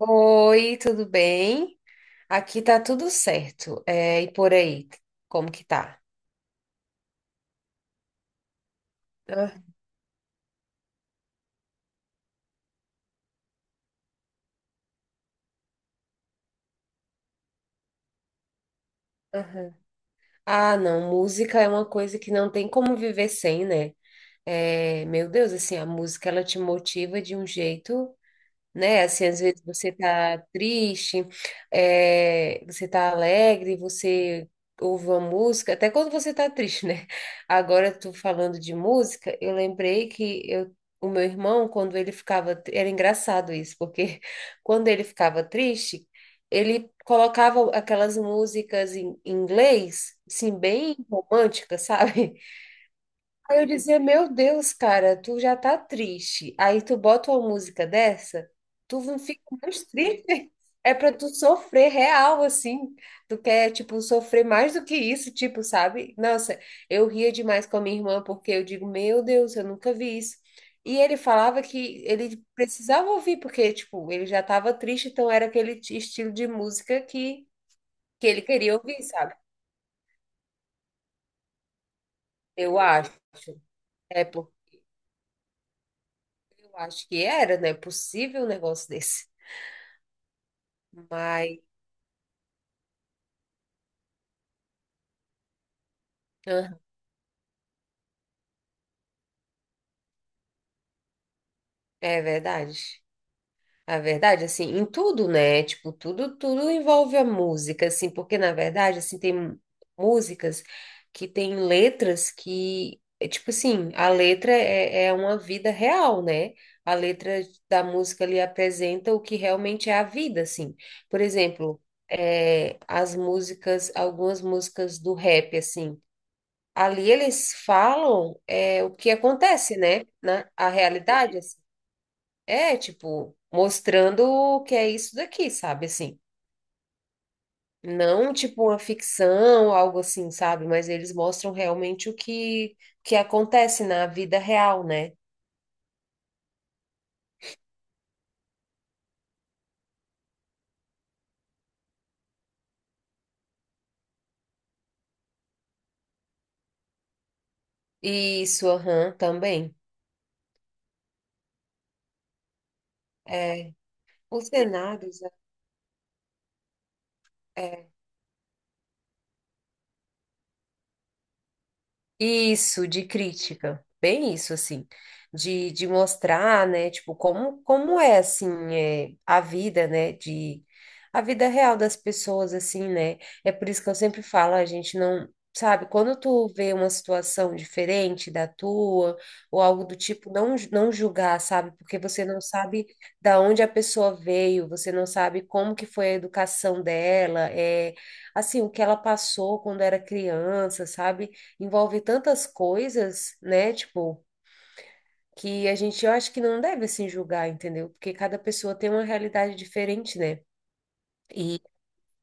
Oi, tudo bem? Aqui tá tudo certo. E por aí, como que tá? Ah, aham. Ah, não, música é uma coisa que não tem como viver sem, né? É, meu Deus, assim, a música ela te motiva de um jeito. Né? Assim, às vezes você tá triste, você tá alegre, você ouve uma música, até quando você tá triste, né? Agora tu falando de música, eu lembrei que eu, o meu irmão, quando ele ficava, era engraçado isso, porque quando ele ficava triste, ele colocava aquelas músicas em inglês, assim, bem românticas, sabe? Aí eu dizia, meu Deus, cara, tu já tá triste. Aí tu bota uma música dessa, tu não fica mais triste. É pra tu sofrer real, assim. Tu quer, tipo, sofrer mais do que isso, tipo, sabe? Nossa, eu ria demais com a minha irmã, porque eu digo, meu Deus, eu nunca vi isso. E ele falava que ele precisava ouvir, porque, tipo, ele já tava triste, então era aquele estilo de música que ele queria ouvir, sabe? Eu acho. É porque eu acho que era, né? Possível um negócio desse. Mas aham, é verdade. A verdade, assim, em tudo, né? Tipo, tudo envolve a música, assim, porque na verdade, assim, tem músicas que têm letras que, é tipo assim, a letra é uma vida real, né? A letra da música ali apresenta o que realmente é a vida, assim. Por exemplo, as músicas, algumas músicas do rap, assim. Ali eles falam o que acontece, né? A realidade, assim. É, tipo, mostrando o que é isso daqui, sabe? Assim, não tipo uma ficção, algo assim, sabe? Mas eles mostram realmente que acontece na vida real, né? Isso, aham, também. É, os cenários, é. É. Isso, de crítica. Bem isso, assim. De mostrar, né, tipo, como, como é, assim, é, a vida, né, de... A vida real das pessoas, assim, né? É por isso que eu sempre falo, a gente não... Sabe, quando tu vê uma situação diferente da tua, ou algo do tipo, não, não julgar, sabe? Porque você não sabe da onde a pessoa veio, você não sabe como que foi a educação dela, é, assim, o que ela passou quando era criança, sabe? Envolve tantas coisas, né? Tipo, que a gente, eu acho que não deve assim julgar, entendeu? Porque cada pessoa tem uma realidade diferente, né? E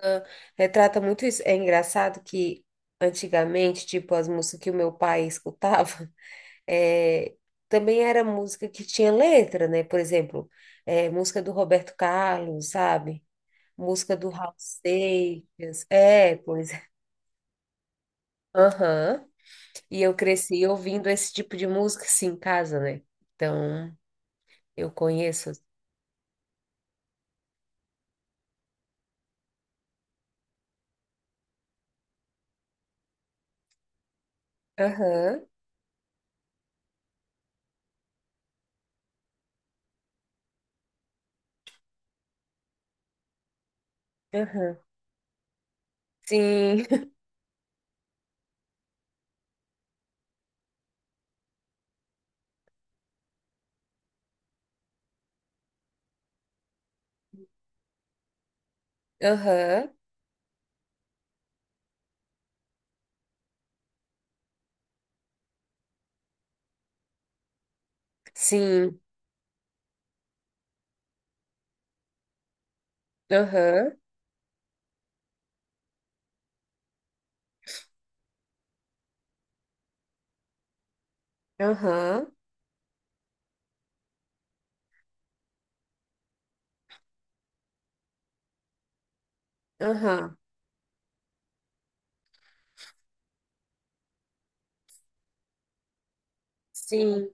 ah, retrata muito isso. É engraçado que antigamente, tipo, as músicas que o meu pai escutava, é, também era música que tinha letra, né? Por exemplo, música do Roberto Carlos, sabe? Música do Raul Seixas. É, pois é. Aham. E eu cresci ouvindo esse tipo de música, sim, em casa, né? Então, eu conheço. Aham, aham. Sim, aham, sim, aham, aham, aham. Sim,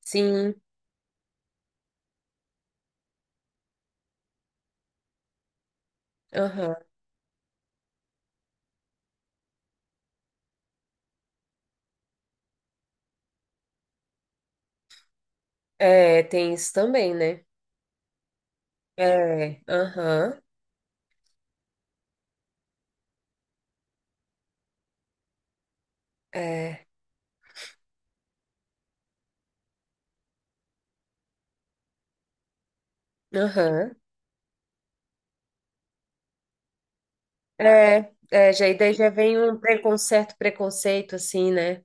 sim, aham. É, tem isso também, né? É, aham, é, aham. É, é, já, e daí já vem um preconceito, assim, né?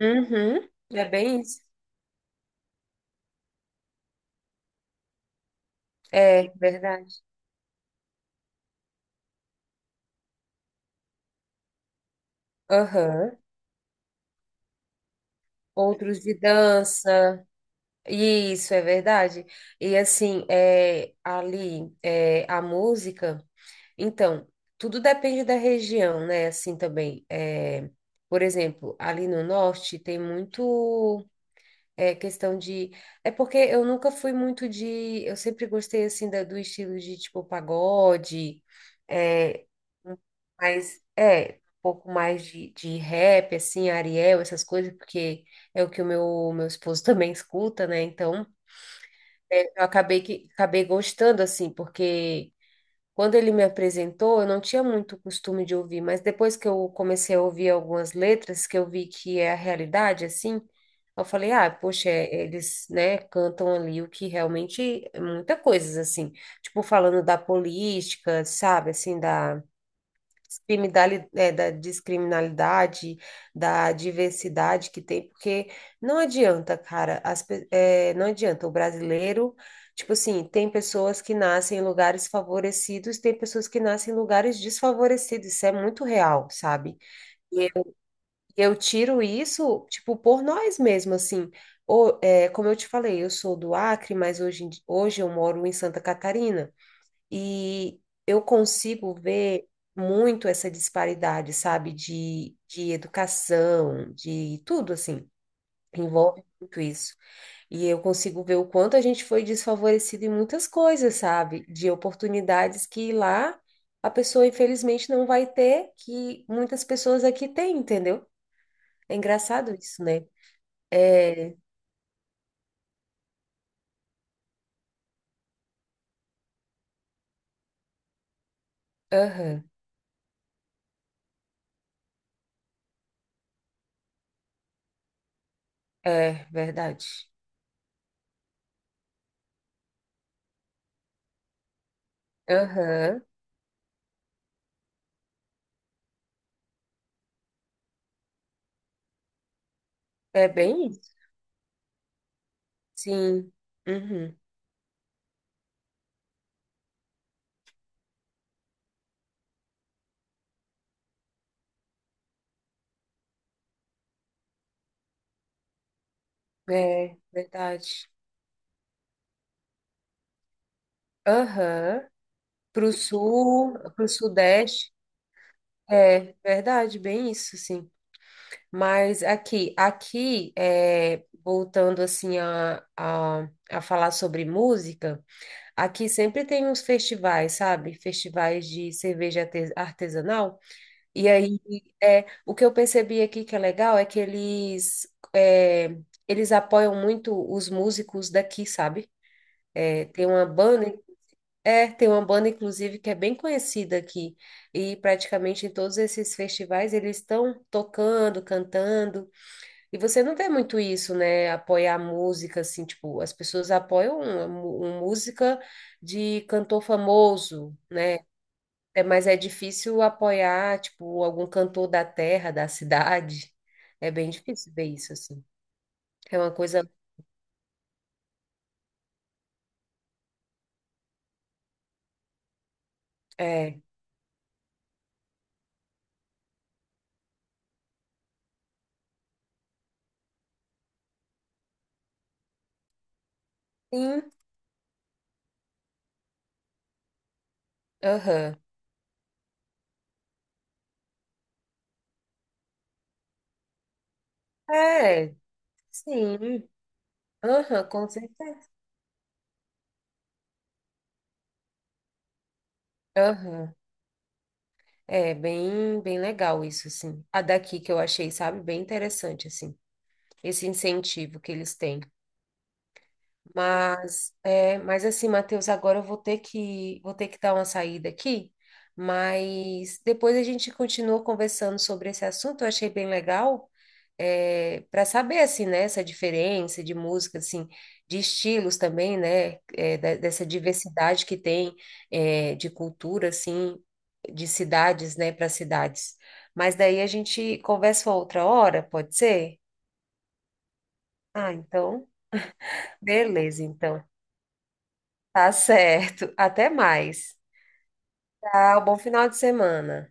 Uhum, é bem isso. É, verdade. Aham. Outros de dança. Isso é verdade. E assim, é, ali, é, a música. Então, tudo depende da região, né? Assim também. É, por exemplo, ali no norte tem muito é, questão de. É porque eu nunca fui muito de. Eu sempre gostei assim do estilo de tipo pagode, é, um- mas é um pouco mais de rap, assim, Ariel, essas coisas, porque é o que o meu esposo também escuta, né? Então. É, eu acabei que acabei gostando assim, porque quando ele me apresentou, eu não tinha muito costume de ouvir, mas depois que eu comecei a ouvir algumas letras, que eu vi que é a realidade assim, eu falei, ah, poxa, é, eles, né, cantam ali o que realmente é muita coisa assim, tipo falando da política, sabe, assim da é, da descriminalidade, da diversidade que tem, porque não adianta, cara, é, não adianta. O brasileiro, tipo assim, tem pessoas que nascem em lugares favorecidos, tem pessoas que nascem em lugares desfavorecidos. Isso é muito real, sabe? E eu, eu tiro isso, tipo, por nós mesmos, assim. Ou, é, como eu te falei, eu sou do Acre, mas hoje, hoje eu moro em Santa Catarina. E eu consigo ver muito essa disparidade, sabe, de educação, de tudo assim, envolve muito isso. E eu consigo ver o quanto a gente foi desfavorecido em muitas coisas, sabe, de oportunidades que lá a pessoa infelizmente não vai ter, que muitas pessoas aqui têm, entendeu? É engraçado isso, né? É, aham, é verdade. Aham, é bem isso. Sim. Uhum. É, verdade. Aham. Pro sul, pro sudeste. É, verdade, bem isso, sim. Mas aqui, é, voltando assim a falar sobre música, aqui sempre tem uns festivais, sabe? Festivais de cerveja artesanal. E aí, é, o que eu percebi aqui que é legal é que eles, é, eles apoiam muito os músicos daqui, sabe? É, tem uma banda É, tem uma banda, inclusive, que é bem conhecida aqui. E praticamente em todos esses festivais eles estão tocando, cantando. E você não vê muito isso, né? Apoiar a música, assim, tipo, as pessoas apoiam uma, uma música de cantor famoso, né? É, mas é difícil apoiar, tipo, algum cantor da terra, da cidade. É bem difícil ver isso, assim. É uma coisa. É. Sim, aham. É, sim. Aham, com certeza. Aham. É bem, bem legal isso, assim. A daqui que eu achei, sabe, bem interessante, assim, esse incentivo que eles têm. Mas, é, mas assim, Matheus, agora eu vou ter que dar uma saída aqui, mas depois a gente continua conversando sobre esse assunto, eu achei bem legal para saber assim, né, essa diferença de música, assim, de estilos também, né, é, dessa diversidade que tem é, de cultura, assim, de cidades, né, para cidades. Mas daí a gente conversa outra hora, pode ser? Ah, então, beleza, então. Tá certo. Até mais. Tchau, bom final de semana.